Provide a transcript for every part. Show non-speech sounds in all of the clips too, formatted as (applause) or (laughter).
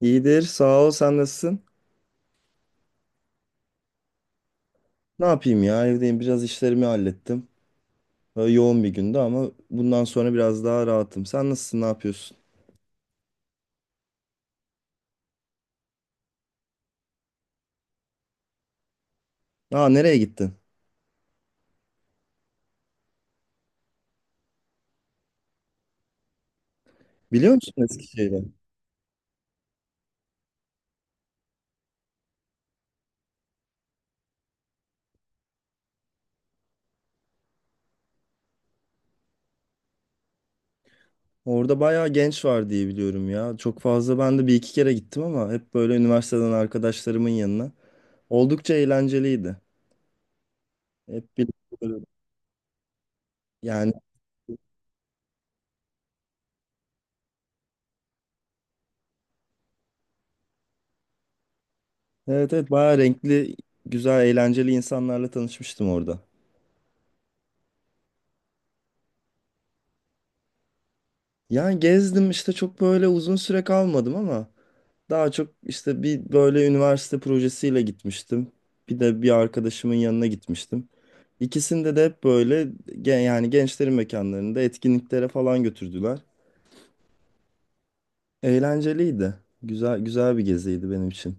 İyidir, sağ ol. Sen nasılsın? Ne yapayım ya? Evdeyim. Biraz işlerimi hallettim. Böyle yoğun bir gündü ama bundan sonra biraz daha rahatım. Sen nasılsın? Ne yapıyorsun? Aa, nereye gittin? Biliyor musun Eskişehir'e? Orada bayağı genç var diye biliyorum ya. Çok fazla ben de bir iki kere gittim ama hep böyle üniversiteden arkadaşlarımın yanına. Oldukça eğlenceliydi. Hep bir böyle- yani evet, evet bayağı renkli, güzel, eğlenceli insanlarla tanışmıştım orada. Yani gezdim işte çok böyle uzun süre kalmadım ama daha çok işte bir böyle üniversite projesiyle gitmiştim. Bir de bir arkadaşımın yanına gitmiştim. İkisinde de hep böyle yani gençlerin mekanlarında etkinliklere falan götürdüler. Eğlenceliydi. Güzel güzel bir geziydi benim için.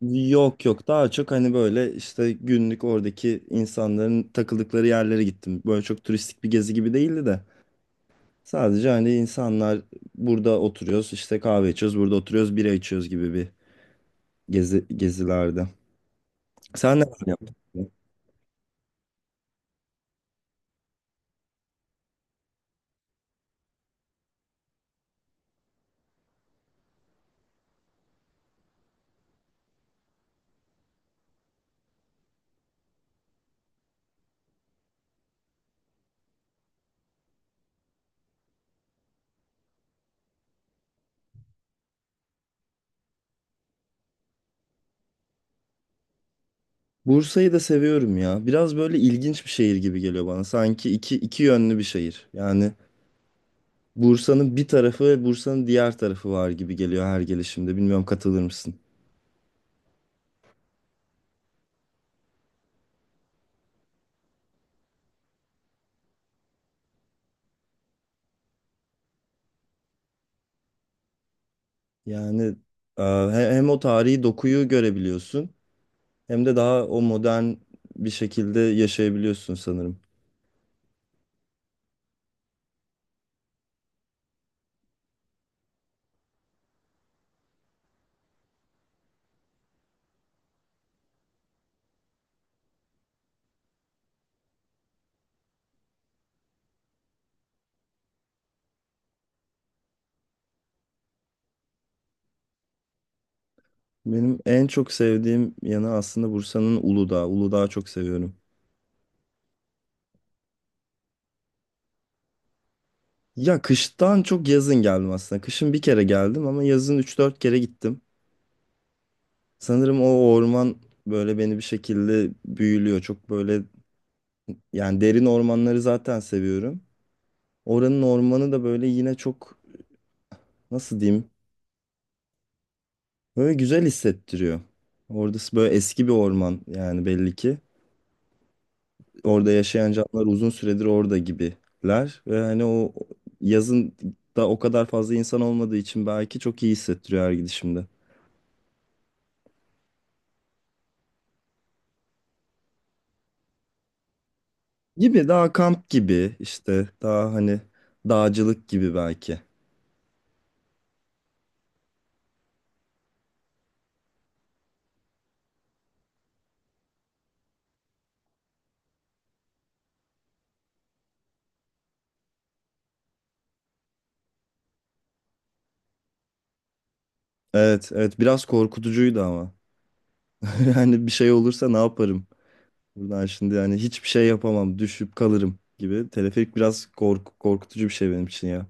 Yok yok, daha çok hani böyle işte günlük oradaki insanların takıldıkları yerlere gittim. Böyle çok turistik bir gezi gibi değildi de. Sadece hani insanlar burada oturuyoruz işte kahve içiyoruz, burada oturuyoruz bira içiyoruz gibi bir gezi gezilerde. Sen neler yaptın? Bursa'yı da seviyorum ya. Biraz böyle ilginç bir şehir gibi geliyor bana. Sanki iki, iki yönlü bir şehir. Yani Bursa'nın bir tarafı ve Bursa'nın diğer tarafı var gibi geliyor her gelişimde. Bilmiyorum, katılır mısın? Yani hem o tarihi dokuyu görebiliyorsun hem de daha o modern bir şekilde yaşayabiliyorsun sanırım. Benim en çok sevdiğim yanı aslında Bursa'nın Uludağ. Uludağ'ı çok seviyorum. Ya kıştan çok yazın geldim aslında. Kışın bir kere geldim ama yazın üç dört kere gittim. Sanırım o orman böyle beni bir şekilde büyülüyor. Çok böyle yani derin ormanları zaten seviyorum. Oranın ormanı da böyle yine çok, nasıl diyeyim, böyle güzel hissettiriyor. Orada böyle eski bir orman yani belli ki. Orada yaşayan canlılar uzun süredir orada gibiler. Ve hani o yazın da o kadar fazla insan olmadığı için belki çok iyi hissettiriyor her gidişimde. Gibi daha kamp gibi işte, daha hani dağcılık gibi belki. Evet, evet biraz korkutucuydu ama. (laughs) Yani bir şey olursa ne yaparım? Buradan şimdi yani hiçbir şey yapamam, düşüp kalırım gibi. Teleferik biraz korku, korkutucu bir şey benim için ya.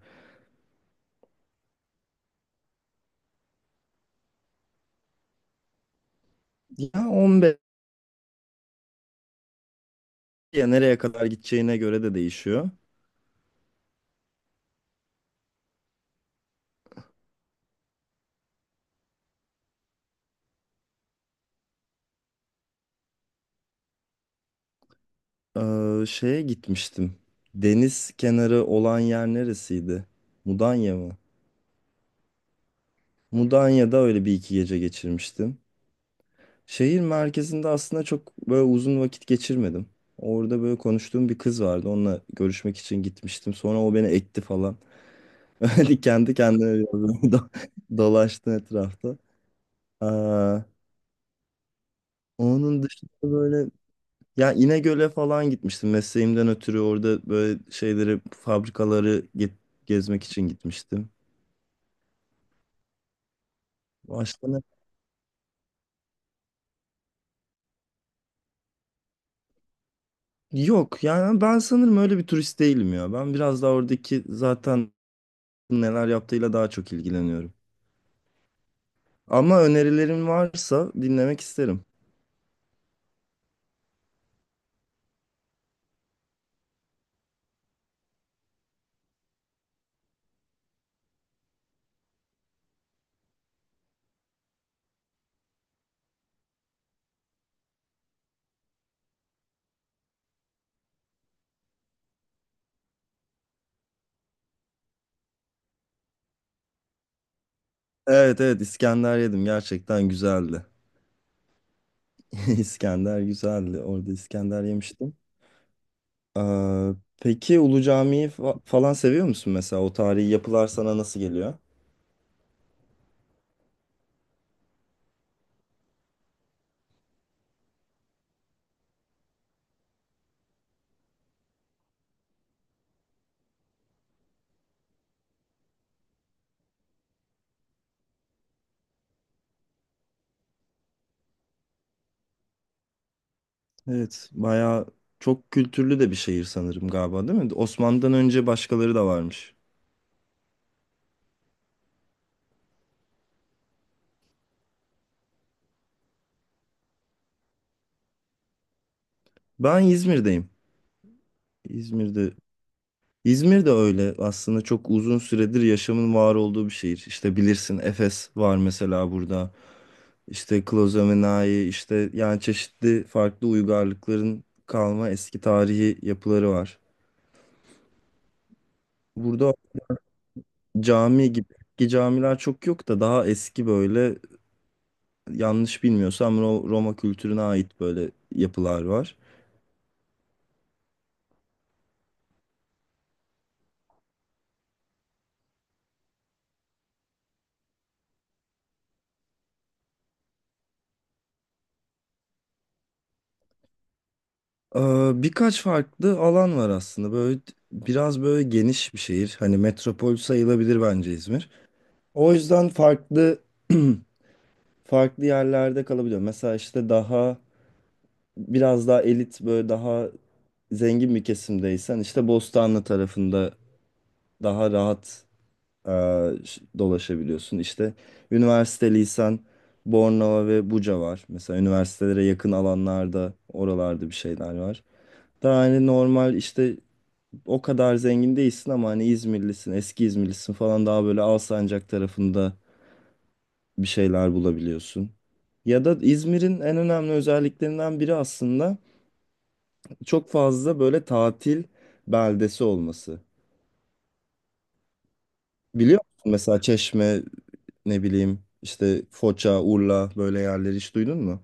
Ya 15, ya nereye kadar gideceğine göre de değişiyor. Şeye gitmiştim. Deniz kenarı olan yer neresiydi? Mudanya mı? Mudanya'da öyle bir iki gece geçirmiştim. Şehir merkezinde aslında çok böyle uzun vakit geçirmedim. Orada böyle konuştuğum bir kız vardı. Onunla görüşmek için gitmiştim. Sonra o beni ekti falan. (laughs) Hani kendi kendine biraz böyle dolaştı etrafta. Aa, onun dışında böyle ya İnegöl'e falan gitmiştim. Mesleğimden ötürü orada böyle şeyleri, fabrikaları gezmek için gitmiştim. Başka ne? Yok, yani ben sanırım öyle bir turist değilim ya. Ben biraz daha oradaki zaten neler yaptığıyla daha çok ilgileniyorum. Ama önerilerin varsa dinlemek isterim. Evet, evet İskender yedim, gerçekten güzeldi. (laughs) İskender güzeldi. Orada İskender yemiştim. Ee, peki Ulu Cami'yi falan seviyor musun mesela? O tarihi yapılar sana nasıl geliyor? Evet, bayağı çok kültürlü de bir şehir sanırım galiba, değil mi? Osmanlı'dan önce başkaları da varmış. Ben İzmir'deyim. İzmir'de İzmir de öyle aslında çok uzun süredir yaşamın var olduğu bir şehir. İşte bilirsin Efes var mesela burada. İşte Klozomenai, işte yani çeşitli farklı uygarlıkların kalma eski tarihi yapıları var. Burada cami gibi eski camiler çok yok da, daha eski böyle, yanlış bilmiyorsam Roma kültürüne ait böyle yapılar var. Ee, birkaç farklı alan var aslında. Böyle biraz böyle geniş bir şehir. Hani metropol sayılabilir bence İzmir. O yüzden farklı (clears throat) farklı yerlerde kalabiliyor. Mesela işte daha biraz daha elit, böyle daha zengin bir kesimdeysen işte Bostanlı tarafında daha rahat e, dolaşabiliyorsun. İşte üniversite, lisan, Bornova ve Buca var. Mesela üniversitelere yakın alanlarda, oralarda bir şeyler var. Daha hani normal işte o kadar zengin değilsin ama hani İzmirlisin, eski İzmirlisin falan, daha böyle Alsancak tarafında bir şeyler bulabiliyorsun. Ya da İzmir'in en önemli özelliklerinden biri aslında çok fazla böyle tatil beldesi olması. Biliyor musun mesela Çeşme, ne bileyim işte Foça, Urla böyle yerleri hiç duydun mu?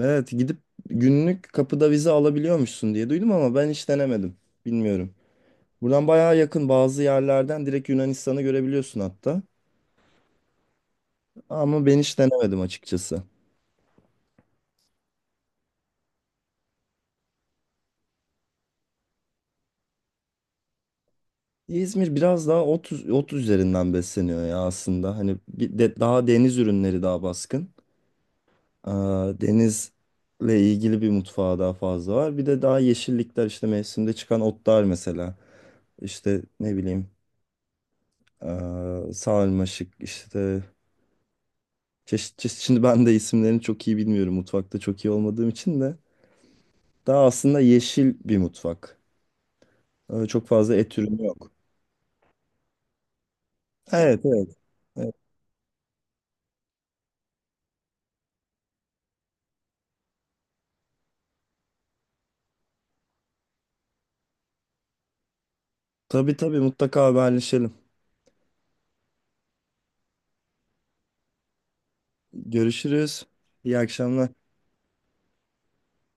Evet, gidip günlük kapıda vize alabiliyormuşsun diye duydum ama ben hiç denemedim. Bilmiyorum. Buradan bayağı yakın bazı yerlerden direkt Yunanistan'ı görebiliyorsun hatta. Ama ben hiç denemedim açıkçası. İzmir biraz daha ot, ot üzerinden besleniyor ya aslında. Hani bir de daha deniz ürünleri daha baskın. Aa, denizle ilgili bir mutfağı daha fazla var. Bir de daha yeşillikler işte, mevsimde çıkan otlar mesela. İşte ne bileyim, sarmaşık işte çeşit çeşit. Şimdi ben de isimlerini çok iyi bilmiyorum, mutfakta çok iyi olmadığım için de. Daha aslında yeşil bir mutfak. Çok fazla et ürünü yok. Evet, evet. Evet. Tabii, tabii mutlaka haberleşelim. Görüşürüz. İyi akşamlar.